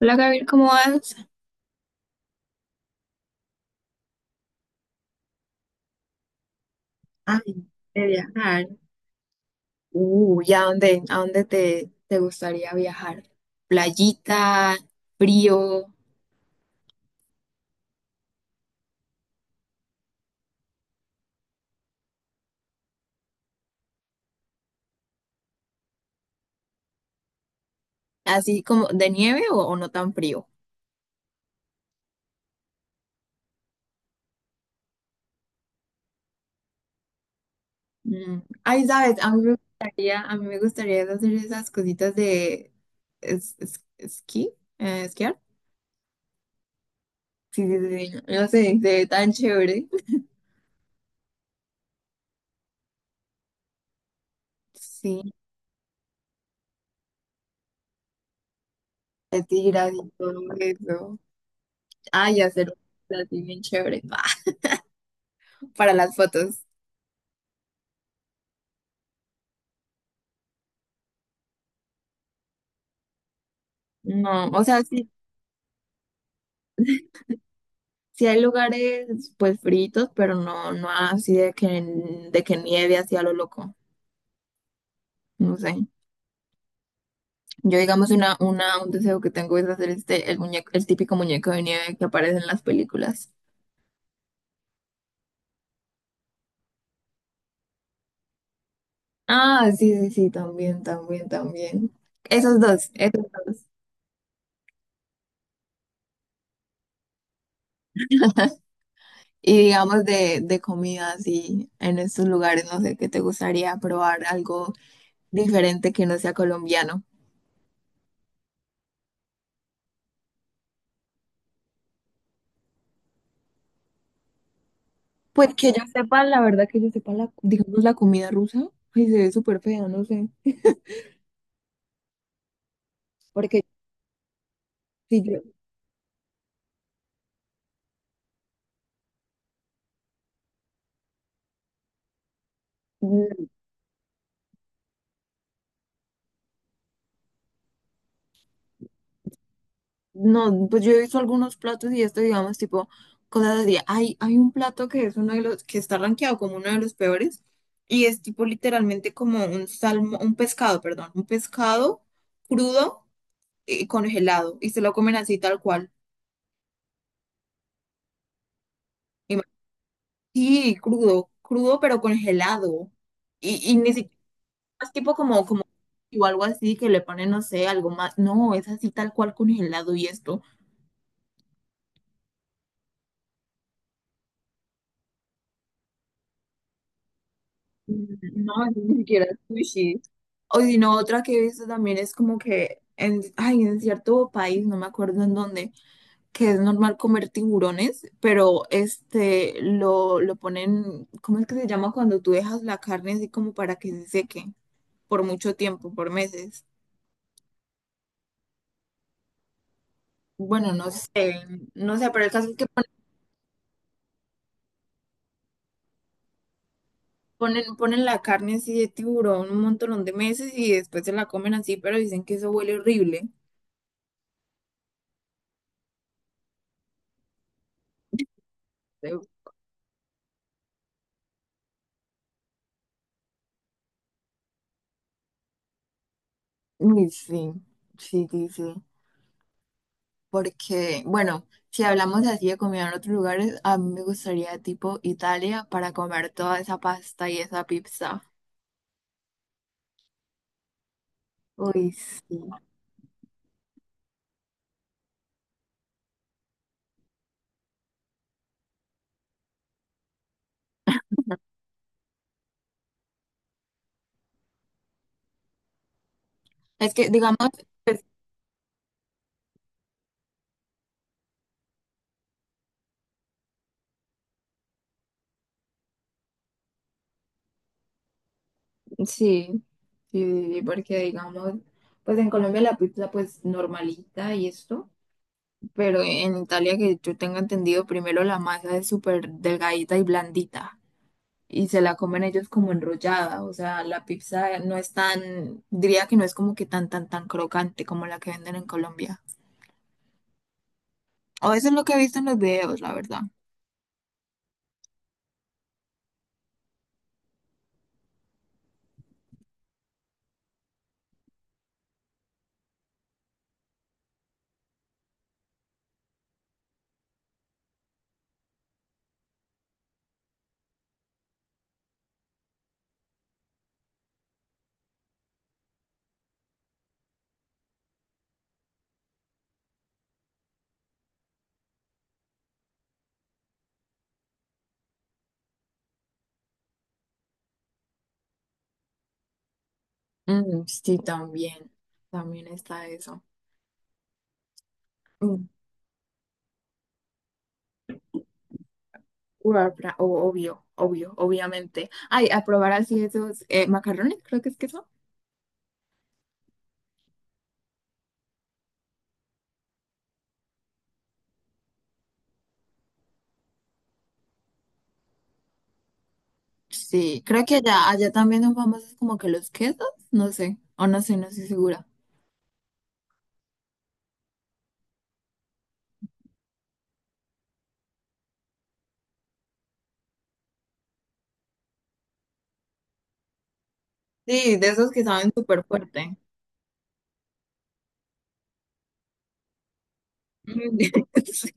Hola Gabriel, ¿cómo vas? Ay, de viajar. ¿Y a dónde te gustaría viajar? ¿Playita, frío, así como de nieve o no tan frío? Mm, ay, sabes, a mí me gustaría, a mí me gustaría hacer esas cositas de esquí, esquiar. Sí, sí, sí, sí, no sé, se ve tan chévere. Sí, de tiras y todo eso. Ay, hacer un plan así bien chévere. Para las fotos. No, o sea, sí. Sí hay lugares pues fritos, pero no, no así de que nieve así a lo loco. No sé. Yo digamos un deseo que tengo es hacer este, el muñeco, el típico muñeco de nieve que aparece en las películas. Ah, sí, sí, sí, también, también, también. Esos dos, esos dos. Y digamos de comida así en estos lugares, no sé, qué te gustaría probar algo diferente que no sea colombiano. Pues que yo sepa, la verdad que yo sepa la, digamos, la comida rusa, ay, se ve súper fea, no sé. Porque si yo, mm, no, pues yo he visto algunos platos y esto, digamos, tipo, cosas así. Hay un plato que es uno de los, que está rankeado como uno de los peores, y es tipo literalmente como un salmo, un pescado, perdón, un pescado crudo y congelado, y se lo comen así tal cual. Ima- Sí, crudo, crudo pero congelado. Y ni siquiera es tipo como, como, o algo así que le ponen, no sé, algo más. No, es así tal cual congelado y esto. No, ni siquiera sushi. O si no, otra que he visto también es como que en, ay, en cierto país, no me acuerdo en dónde, que es normal comer tiburones, pero este lo ponen, ¿cómo es que se llama cuando tú dejas la carne así como para que se seque por mucho tiempo, por meses? Bueno, no sé, no sé, pero el caso es que ponen, ponen la carne así de tiburón un montón de meses y después se la comen así, pero dicen que eso huele horrible. Eh, Uy, sí, sí, sí, sí. Porque, bueno, si hablamos así de comida en otros lugares, a mí me gustaría tipo Italia para comer toda esa pasta y esa pizza. Uy, sí. Es que, digamos, sí, sí, sí, porque digamos, pues en Colombia la pizza pues normalita y esto, pero en Italia que yo tengo entendido, primero la masa es súper delgadita y blandita. Y se la comen ellos como enrollada, o sea, la pizza no es tan, diría que no es como que tan, tan, tan crocante como la que venden en Colombia. O eso es lo que he visto en los videos, la verdad. Mm, sí, también, también está eso. Mm, bueno, obvio, obvio, obviamente. Ay, a probar así esos macarrones, creo que es queso. Sí, creo que allá, allá también son famosos como que los quesos, no sé, o no sé, no estoy segura. Sí, de esos que saben súper fuerte. Mm, sí,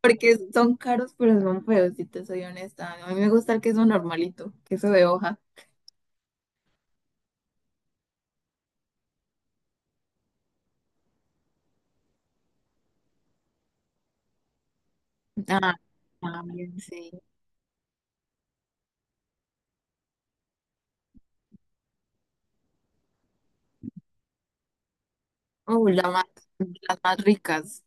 porque son caros, pero son feos, si te soy honesta. A mí me gusta el queso normalito, queso de hoja. Ah, también, sí. Oh, la más, las más ricas,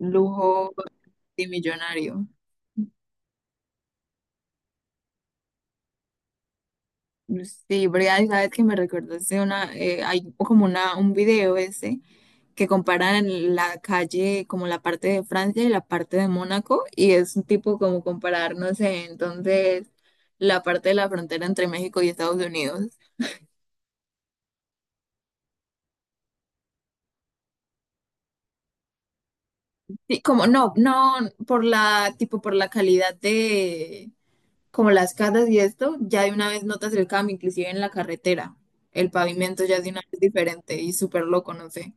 lujo de millonario. Sí, Brea, y sabes que me recordaste una, hay como una, un video ese que comparan la calle, como la parte de Francia y la parte de Mónaco, y es un tipo como comparar, no sé, entonces la parte de la frontera entre México y Estados Unidos. Sí, como no, no, por la, tipo por la calidad de, como las casas y esto, ya de una vez notas el cambio, inclusive en la carretera. El pavimento ya es de una vez diferente y súper loco, no sé.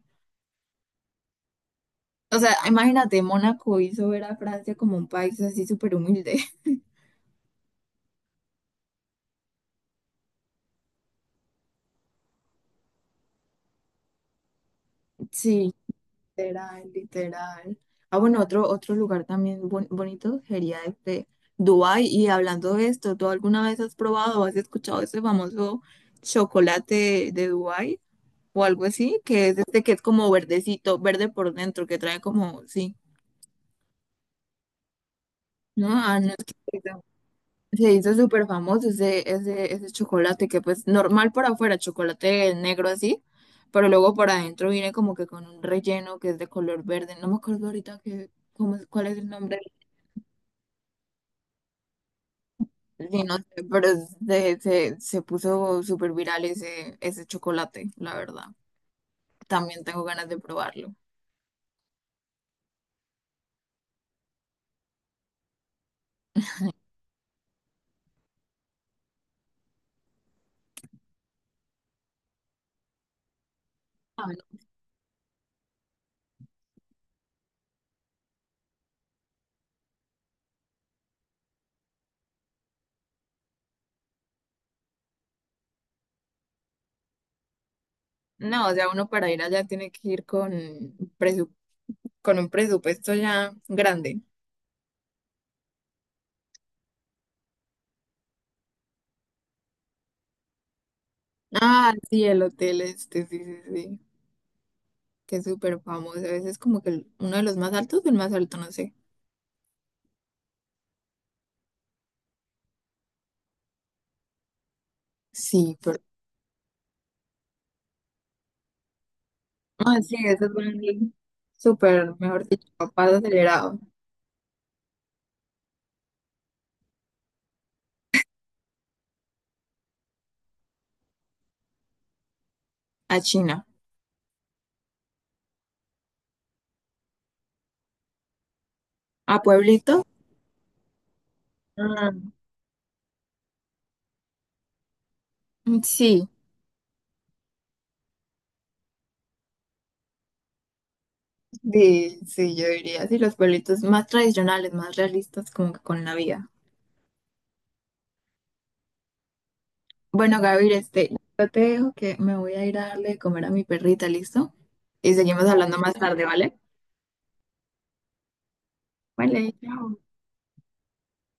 O sea, imagínate, Mónaco hizo ver a Francia como un país así súper humilde. Sí, literal, literal. Ah, bueno, otro, otro lugar también bonito sería este Dubái. Y hablando de esto, ¿tú alguna vez has probado o has escuchado ese famoso chocolate de Dubái o algo así? Que es este que es como verdecito, verde por dentro, que trae como, sí. No, ah, no, es que se hizo súper famoso ese, ese, ese chocolate que pues normal por afuera, chocolate negro así, pero luego por adentro viene como que con un relleno que es de color verde. No me acuerdo ahorita que, cuál es el nombre, sí, no sé, pero es se, se puso súper viral ese, ese chocolate, la verdad. También tengo ganas de probarlo. Ah, no, no, o sea, uno para ir allá tiene que ir con, presu- con un presupuesto ya grande. Ah, sí, el hotel este, sí, sí, sí. Que es súper famoso. Ese es como que uno de los más altos, el más alto, no sé. Sí, pero... No, sí, ese es un súper, mejor dicho, paso acelerado a China. ¿A pueblito? Mm, sí, sí, sí, yo diría, sí, los pueblitos más tradicionales, más realistas como que con la vida. Bueno, Gabriel, este, yo te dejo que me voy a ir a darle de comer a mi perrita, ¿listo? Y seguimos hablando más tarde, ¿vale? Vale, chao.